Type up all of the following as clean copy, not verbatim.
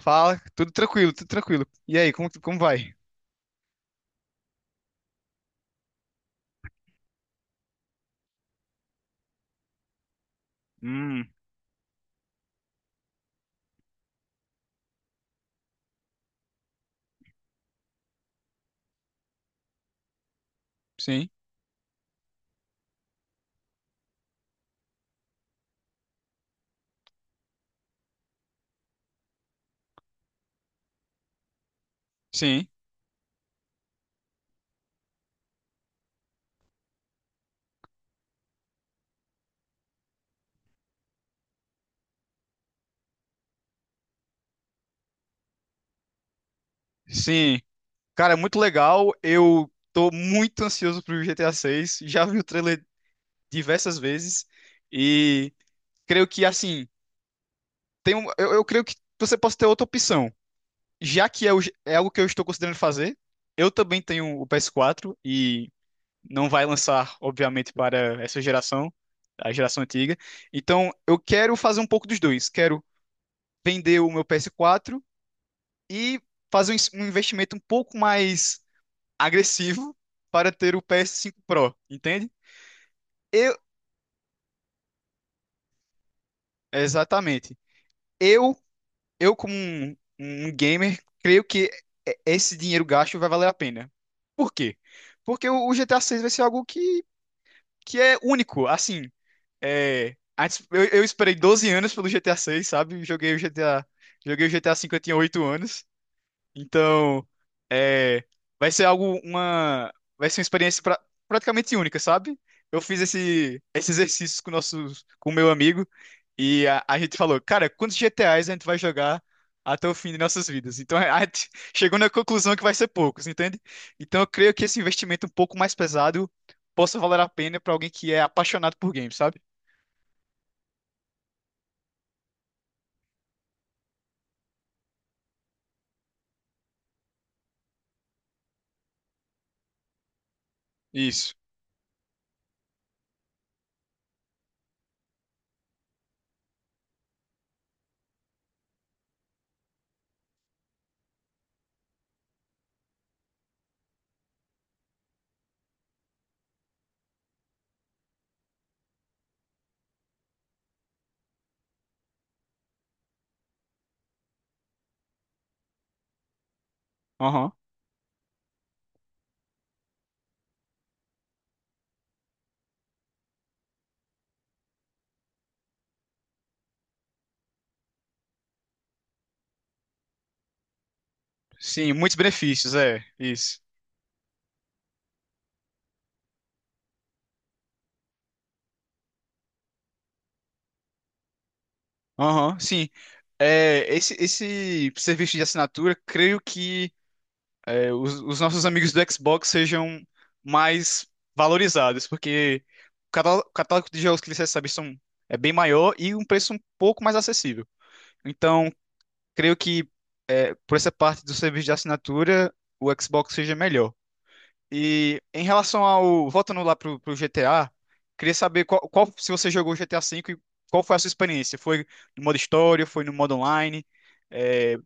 Fala, tudo tranquilo, tudo tranquilo. E aí, como vai? Hum, sim, sim, sim. Cara, muito legal. Eu tô muito ansioso pro GTA 6. Já vi o trailer diversas vezes e creio que assim, eu creio que você possa ter outra opção. Já que é algo que eu estou considerando fazer, eu também tenho o PS4 e não vai lançar, obviamente, para essa geração, a geração antiga. Então, eu quero fazer um pouco dos dois. Quero vender o meu PS4 e fazer um investimento um pouco mais agressivo para ter o PS5 Pro, entende? Eu, exatamente. Eu, eu, como um gamer, creio que esse dinheiro gasto vai valer a pena. Por quê? Porque o GTA 6 vai ser algo que é único, assim. Eu esperei 12 anos pelo GTA 6, sabe? Joguei o GTA 5, eu tinha 8 anos. Então, é, vai ser algo, uma, vai ser uma experiência praticamente única, sabe? Eu fiz esse exercício com meu amigo, e a gente falou: cara, quantos GTAs a gente vai jogar até o fim de nossas vidas? Então a gente chegou na conclusão que vai ser poucos, entende? Então eu creio que esse investimento um pouco mais pesado possa valer a pena para alguém que é apaixonado por games, sabe? Isso. Aham. Sim, muitos benefícios, é, isso. Aham, sim. É, esse serviço de assinatura, creio que os nossos amigos do Xbox sejam mais valorizados, porque o catálogo de jogos que eles recebem é bem maior, e um preço um pouco mais acessível. Então, creio que por essa parte do serviço de assinatura, o Xbox seja melhor. E em relação ao. Voltando lá pro GTA, queria saber qual, se você jogou GTA V e qual foi a sua experiência? Foi no modo história, foi no modo online? É,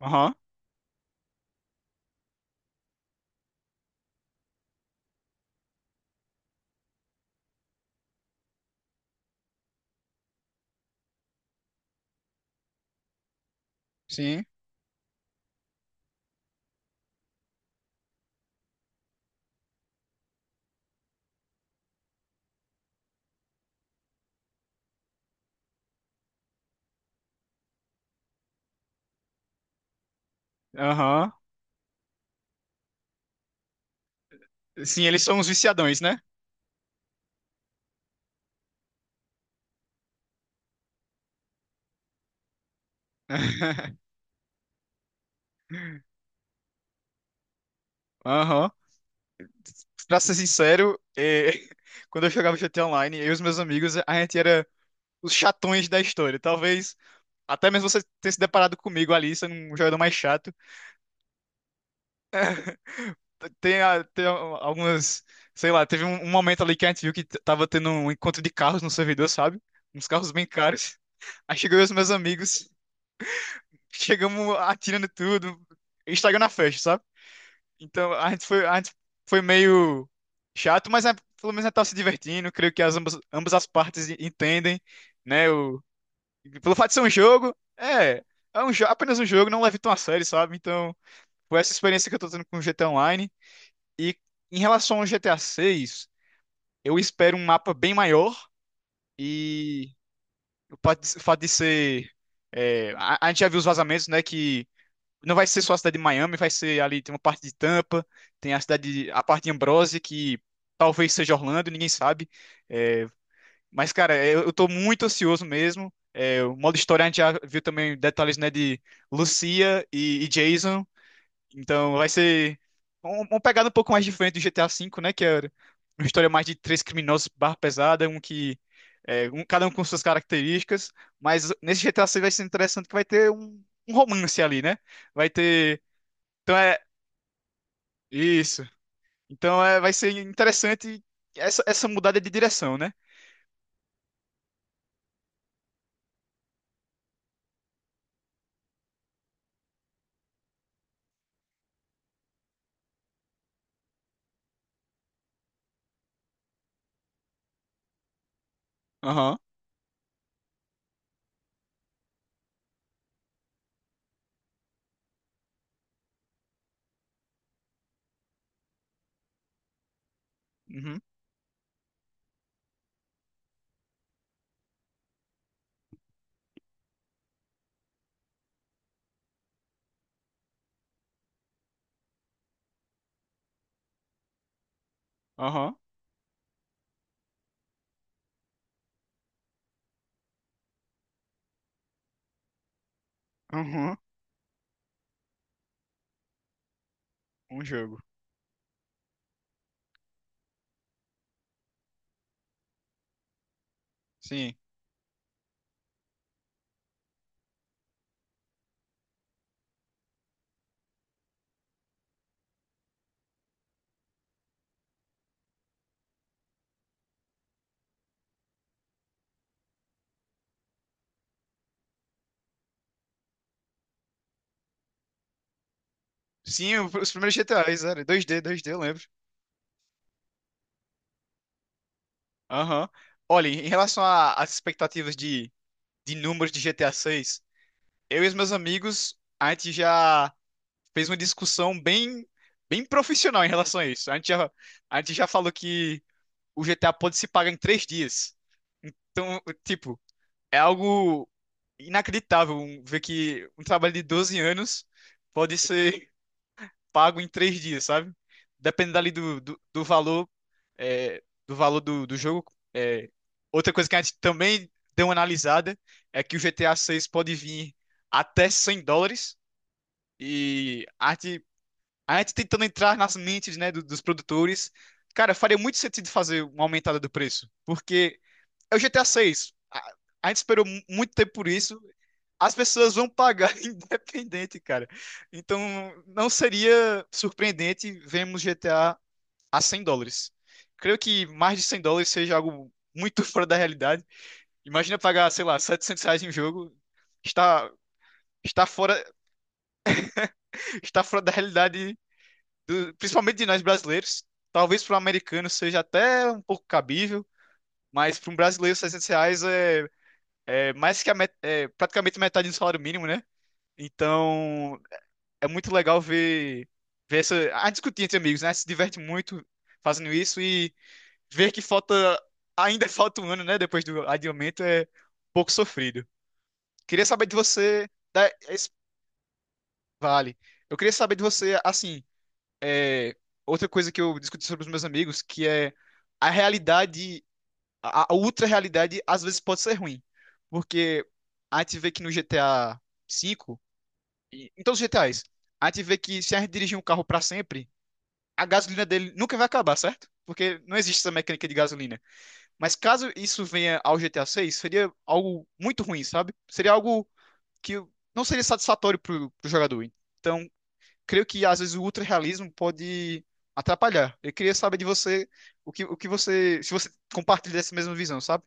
aham, sim. Aham. Sim, eles são uns viciadões, né? Aham. Pra ser sincero, quando eu jogava GTA Online, eu e os meus amigos, a gente era os chatões da história. Talvez até mesmo você tenha se deparado comigo ali, sendo um jogador mais chato. Algumas. Sei lá, teve um momento ali que a gente viu que tava tendo um encontro de carros no servidor, sabe? Uns carros bem caros. Aí chegou eu e os meus amigos, chegamos atirando tudo, estragando a festa, sabe? Então a gente foi meio chato, mas pelo menos a gente tava se divertindo. Creio que ambas as partes entendem, né? Pelo fato de ser um jogo, apenas um jogo, não leve tão a sério, sabe? Então foi essa experiência que eu tô tendo com o GTA Online. E em relação ao GTA 6. Eu espero um mapa bem maior, e o fato de ser. A gente já viu os vazamentos, né? Que não vai ser só a cidade de Miami, vai ser ali, tem uma parte de Tampa, tem a parte de Ambrose, que talvez seja Orlando, ninguém sabe. É, mas, cara, eu tô muito ansioso mesmo. É, o modo história a gente já viu também detalhes, né, de Lucia e Jason. Então vai ser uma pegada um pouco mais diferente do GTA V, né? Que é uma história mais de três criminosos barra pesada, cada um com suas características. Mas nesse GTA 6 vai ser interessante que vai ter um romance ali, né? Vai ter. Então é isso. Então vai ser interessante essa mudada de direção, né? Aham. Uhum. Aham. Uhum. Um jogo. Sim. Sim, os primeiros GTAs, era 2D, 2D, eu lembro. Aham. Olha, em relação às expectativas de números de GTA 6. Eu e os meus amigos, a gente já fez uma discussão bem, bem profissional em relação a isso. A gente já falou que o GTA pode se pagar em 3 dias. Então, tipo, é algo inacreditável, ver que um trabalho de 12 anos pode ser pago em 3 dias, sabe? Dependendo ali do valor, do valor do jogo. É. Outra coisa que a gente também deu uma analisada é que o GTA 6 pode vir até US$ 100, e a gente tentando entrar nas mentes, né, dos produtores. Cara, faria muito sentido fazer uma aumentada do preço, porque é o GTA 6. 6. A gente esperou muito tempo por isso. As pessoas vão pagar independente, cara. Então, não seria surpreendente vermos GTA a US$ 100. Creio que mais de US$ 100 seja algo muito fora da realidade. Imagina pagar, sei lá, R$ 700 em um jogo. Está, está fora, está fora da realidade, principalmente de nós brasileiros. Talvez para um americano seja até um pouco cabível, mas para um brasileiro, R$ 700 é é mais que a met é praticamente metade do salário mínimo, né? Então é muito legal ver, ver essa. A discutir entre amigos, né? A gente se diverte muito fazendo isso, e ver que falta. Ainda falta um ano, né? Depois do adiamento é um pouco sofrido. Queria saber de você. Vale. Eu queria saber de você, assim. é, Outra coisa que eu discuti sobre os meus amigos, que é a realidade. A ultra realidade às vezes pode ser ruim. Porque a gente vê que no GTA V. Em todos os GTAs, a gente vê que se a gente dirigir um carro para sempre, a gasolina dele nunca vai acabar, certo? Porque não existe essa mecânica de gasolina. Mas caso isso venha ao GTA 6, seria algo muito ruim, sabe? Seria algo que não seria satisfatório pro jogador. Então, creio que às vezes o ultra-realismo pode atrapalhar. Eu queria saber de você o que você. Se você compartilha dessa mesma visão, sabe?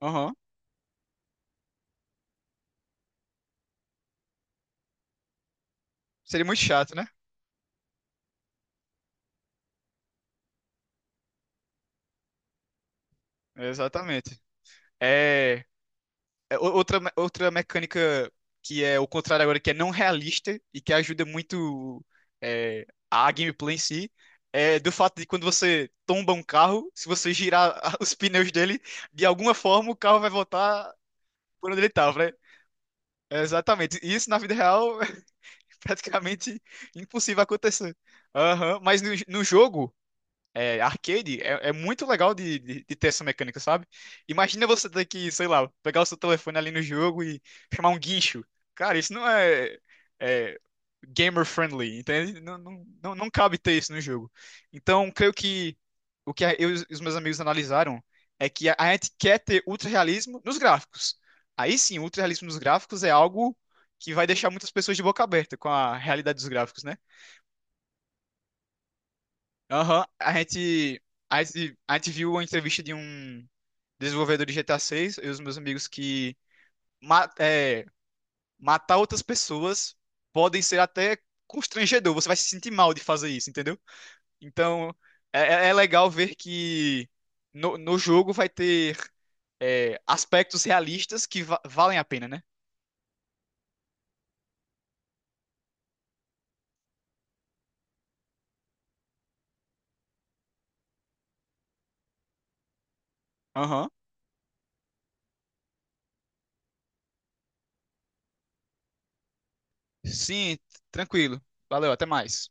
Aham. Seria muito chato, né? Exatamente. É. Outra mecânica, que é o contrário agora, que é não realista e que ajuda muito a gameplay em si, é do fato de, quando você tomba um carro, se você girar os pneus dele, de alguma forma o carro vai voltar por onde ele estava, né? É, exatamente. E isso na vida real é praticamente impossível acontecer. Aham. Mas no jogo arcade, é muito legal de ter essa mecânica, sabe? Imagina você ter que, sei lá, pegar o seu telefone ali no jogo e chamar um guincho. Cara, isso não é gamer friendly, entende? Não, não, não, não cabe ter isso no jogo. Então, creio que o que eu e os meus amigos analisaram é que a gente quer ter ultra-realismo nos gráficos. Aí sim, o ultra-realismo nos gráficos é algo que vai deixar muitas pessoas de boca aberta com a realidade dos gráficos, né? Aham, a gente viu uma entrevista de um desenvolvedor de GTA 6, eu e os meus amigos, que ma- é, matar outras pessoas podem ser até constrangedor, você vai se sentir mal de fazer isso, entendeu? Então, é, é legal ver que no jogo vai ter aspectos realistas que valem a pena, né? Aham. Sim, tranquilo. Valeu, até mais.